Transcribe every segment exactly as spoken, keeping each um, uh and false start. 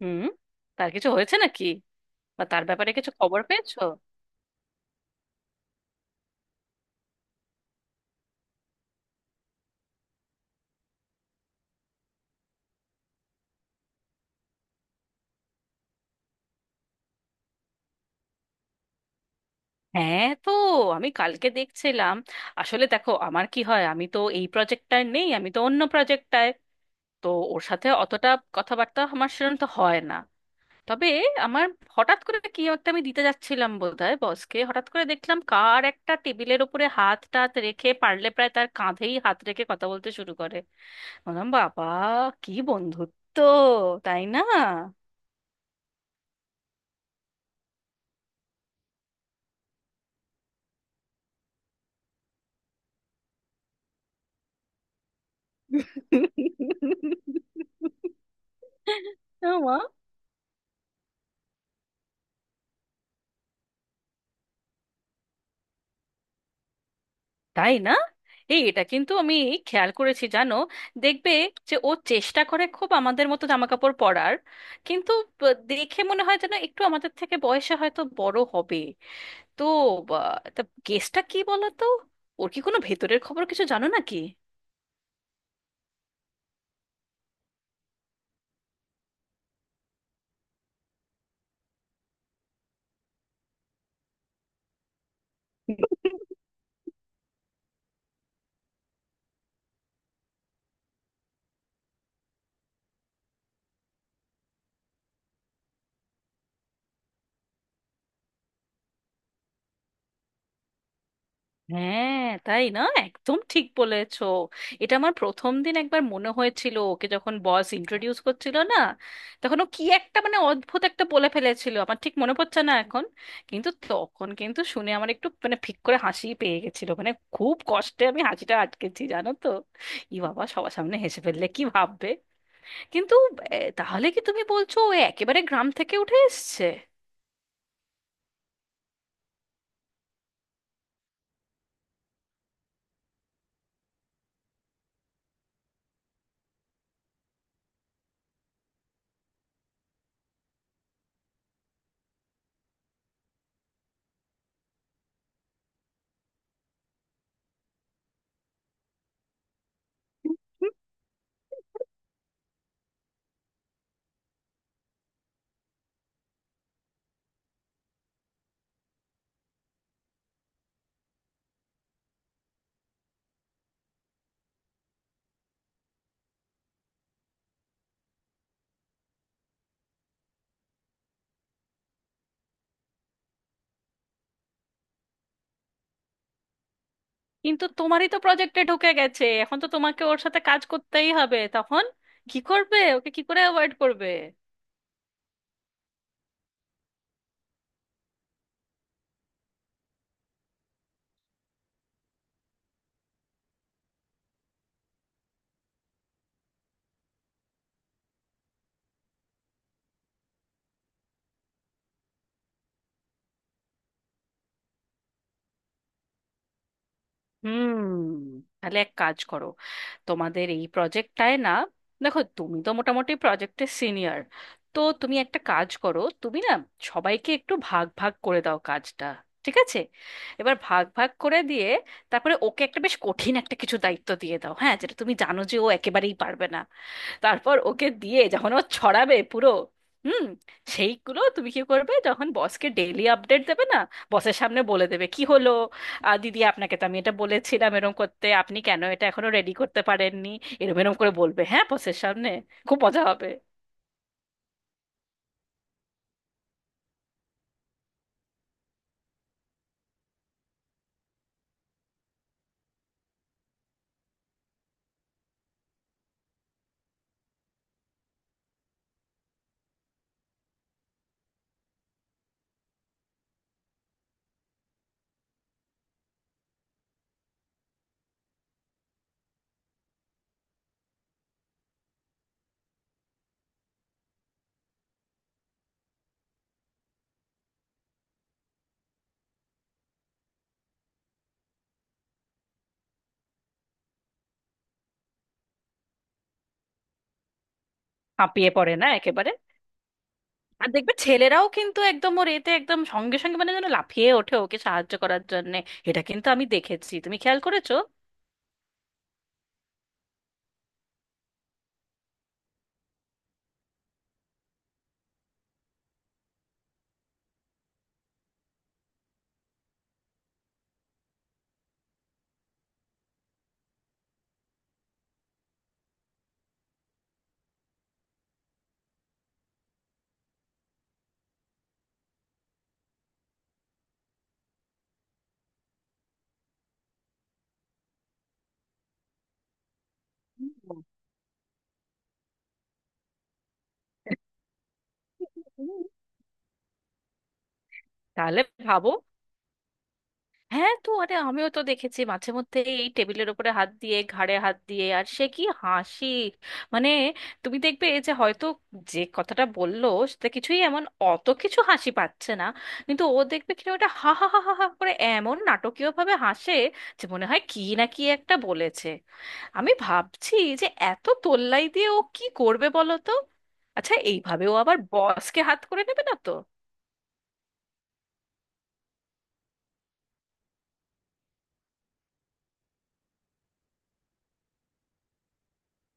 হুম। তার কিছু হয়েছে নাকি? বা তার ব্যাপারে কিছু খবর পেয়েছো? হ্যাঁ, তো আমি কালকে দেখছিলাম। আসলে দেখো আমার কি হয়, আমি তো এই প্রজেক্টটায় নেই, আমি তো অন্য প্রজেক্টটায়। তো ওর সাথে অতটা কথাবার্তা আমার সেরকম তো হয় না। তবে আমার হঠাৎ করে কি একটা আমি দিতে যাচ্ছিলাম বোধহয় বসকে, হঠাৎ করে দেখলাম কার একটা টেবিলের ওপরে হাত টাত রেখে, পারলে প্রায় তার কাঁধেই হাত রেখে কথা বলতে শুরু করে। বললাম, বাবা কি বন্ধুত্ব! তাই না? মা, তাই না! এই এটা কিন্তু আমি খেয়াল করেছি জানো। দেখবে যে ও চেষ্টা করে খুব আমাদের মতো জামাকাপড় পরার, কিন্তু ব- দেখে মনে হয় যেন একটু আমাদের থেকে বয়সে হয়তো বড় হবে। তো বা- তা গেসটা কি বলো তো? ওর কি কোনো ভেতরের খবর কিছু জানো নাকি? হ্যাঁ, তাই না? একদম ঠিক বলেছো। এটা আমার প্রথম দিন একবার মনে হয়েছিল, ওকে যখন বস ইন্ট্রোডিউস করছিল না, তখন ও কি একটা মানে অদ্ভুত একটা বলে ফেলেছিল, আমার ঠিক মনে পড়ছে না এখন। কিন্তু তখন কিন্তু শুনে আমার একটু মানে ফিক করে হাসি পেয়ে গেছিল, মানে খুব কষ্টে আমি হাসিটা আটকেছি জানো তো। ই বাবা, সবার সামনে হেসে ফেললে কি ভাববে! কিন্তু এ, তাহলে কি তুমি বলছো ও একেবারে গ্রাম থেকে উঠে এসছে? কিন্তু তোমারই তো প্রজেক্টে ঢুকে গেছে, এখন তো তোমাকে ওর সাথে কাজ করতেই হবে। তখন কি করবে? ওকে কি করে অ্যাভয়েড করবে? হুম। তাহলে এক কাজ করো, তোমাদের এই প্রজেক্টটায় না, দেখো তুমি তো মোটামুটি প্রজেক্টের সিনিয়র। তো তুমি একটা কাজ করো, তুমি না সবাইকে একটু ভাগ ভাগ করে দাও কাজটা। ঠিক আছে? এবার ভাগ ভাগ করে দিয়ে, তারপরে ওকে একটা বেশ কঠিন একটা কিছু দায়িত্ব দিয়ে দাও, হ্যাঁ, যেটা তুমি জানো যে ও একেবারেই পারবে না। তারপর ওকে দিয়ে যখন ও ছড়াবে পুরো, হুম, সেইগুলো তুমি কি করবে, যখন বসকে ডেইলি আপডেট দেবে না, বসের সামনে বলে দেবে কি হলো। আহ, দিদি আপনাকে তো আমি এটা বলেছিলাম এরম করতে, আপনি কেন এটা এখনো রেডি করতে পারেননি, এরম এরম করে বলবে, হ্যাঁ, বসের সামনে। খুব মজা হবে। হাঁপিয়ে পড়ে না একেবারে! আর দেখবে ছেলেরাও কিন্তু একদম ওর এতে একদম সঙ্গে সঙ্গে মানে যেন লাফিয়ে ওঠে ওকে সাহায্য করার জন্য। এটা কিন্তু আমি দেখেছি, তুমি খেয়াল করেছো? হুম। তাহলে ভাবো। হ্যাঁ তো, আরে আমিও তো দেখেছি মাঝে মধ্যে এই টেবিলের উপরে হাত দিয়ে, ঘাড়ে হাত দিয়ে, আর সে কি হাসি! মানে তুমি দেখবে যে হয়তো যে কথাটা বললো সেটা কিছুই, এমন অত কিছু হাসি পাচ্ছে না, কিন্তু ও দেখবে কিনা ওটা হা হা হা হা হা করে এমন নাটকীয় ভাবে হাসে, যে মনে হয় কি না কি একটা বলেছে। আমি ভাবছি যে এত তোল্লাই দিয়ে ও কি করবে বলো তো? আচ্ছা, এইভাবে ও আবার বসকে হাত করে নেবে না তো?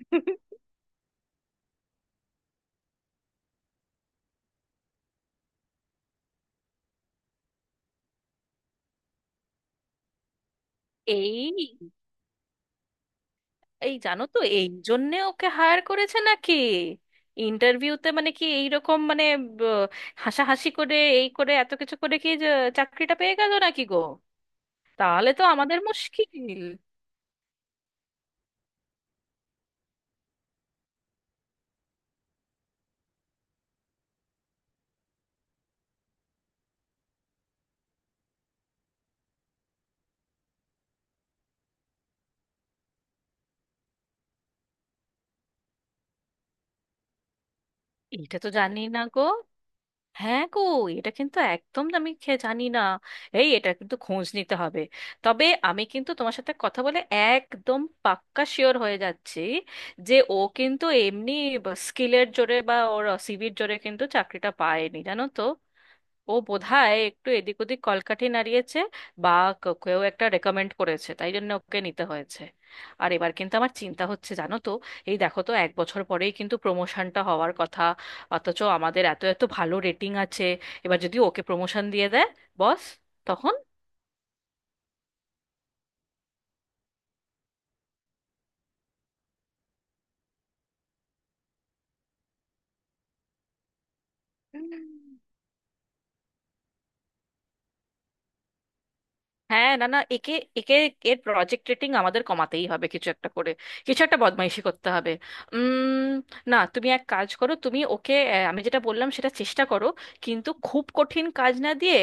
এই, এই জানো তো, এই জন্যে ওকে হায়ার করেছে নাকি? ইন্টারভিউতে মানে কি এইরকম মানে ব- হাসাহাসি করে এই করে এত কিছু করে কি যে চাকরিটা পেয়ে গেল নাকি গো? তাহলে তো আমাদের মুশকিল। এটা তো জানি না গো। হ্যাঁ গো, এটা কিন্তু একদম আমি খে- জানি না। এই এটা কিন্তু খোঁজ নিতে হবে। তবে আমি কিন্তু তোমার সাথে কথা বলে একদম পাক্কা শিওর হয়ে যাচ্ছি যে ও কিন্তু এমনি স্কিলের জোরে বা ওর সিভির জোরে কিন্তু চাকরিটা পায়নি জানো তো। ও বোধহয় একটু এদিক ওদিক কলকাঠি নাড়িয়েছে, বা ক- কেউ একটা রেকমেন্ড করেছে, তাই জন্য ওকে নিতে হয়েছে। আর এবার কিন্তু আমার চিন্তা হচ্ছে জানো তো, এই দেখো তো এক বছর পরেই কিন্তু প্রমোশনটা হওয়ার কথা, অথচ আমাদের এত এত ভালো রেটিং আছে। এবার যদি ওকে প্রমোশন দিয়ে দেয় বস, তখন? হ্যাঁ, না না, একে একে এর প্রজেক্ট রেটিং আমাদের কমাতেই হবে কিছু একটা করে। কিছু একটা বদমাইশি করতে হবে। উম, না তুমি এক কাজ করো, তুমি ওকে আহ, আমি যেটা বললাম সেটা চেষ্টা করো, কিন্তু খুব কঠিন কাজ না দিয়ে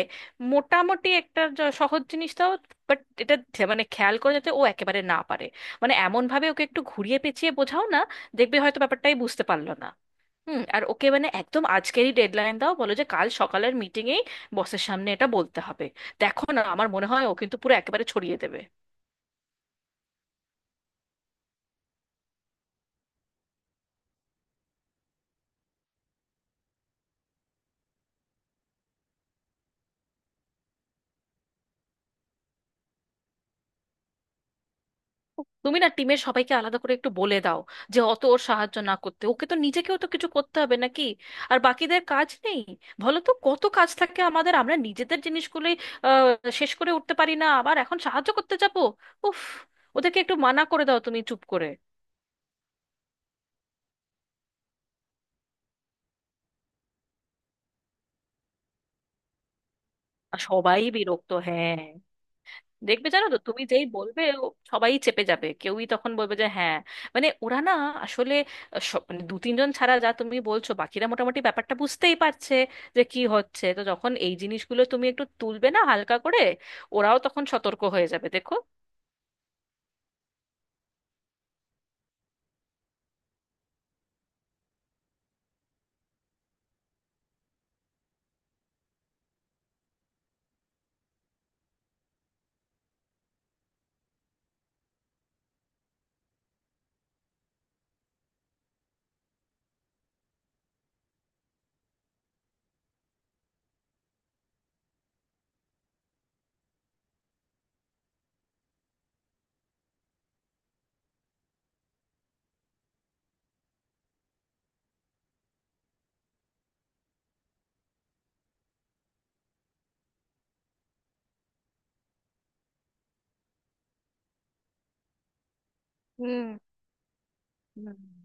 মোটামুটি একটা জ- সহজ জিনিস দাও। বাট এটা থে- মানে খেয়াল করে, যাতে ও একেবারে না পারে। মানে এমন ভাবে ওকে একটু ঘুরিয়ে পেঁচিয়ে বোঝাও না, দেখবে হয়তো ব্যাপারটাই বুঝতে পারলো না। হুম। আর ওকে মানে একদম আজকেরই ডেডলাইন দাও, বলো যে কাল সকালের মিটিংয়েই বসের সামনে এটা বলতে হবে। দেখো না, আমার মনে হয় ও কিন্তু পুরো একেবারে ছড়িয়ে দেবে। তুমি না টিমের সবাইকে আলাদা করে একটু বলে দাও যে অত ওর সাহায্য না করতে। ওকে তো নিজেকেও তো কিছু করতে হবে নাকি? আর বাকিদের কাজ নেই? বলো তো কত কাজ থাকে আমাদের, আমরা নিজেদের জিনিসগুলোই আহ, শেষ করে উঠতে পারি না, আবার এখন সাহায্য করতে যাবো। উফ! ওদেরকে একটু মানা করে দাও তুমি চুপ করে। আর সবাই বিরক্ত, হ্যাঁ। দেখবে জানো তো, তুমি যেই বলবে ও, সবাই চেপে যাবে, কেউই তখন বলবে যে হ্যাঁ, মানে ওরা না আসলে সব- মানে দু তিনজন ছাড়া যা তুমি বলছো, বাকিরা মোটামুটি ব্যাপারটা বুঝতেই পারছে যে কি হচ্ছে। তো যখন এই জিনিসগুলো তুমি একটু তুলবে না হালকা করে, ওরাও তখন সতর্ক হয়ে যাবে, দেখো। হুম। হুম।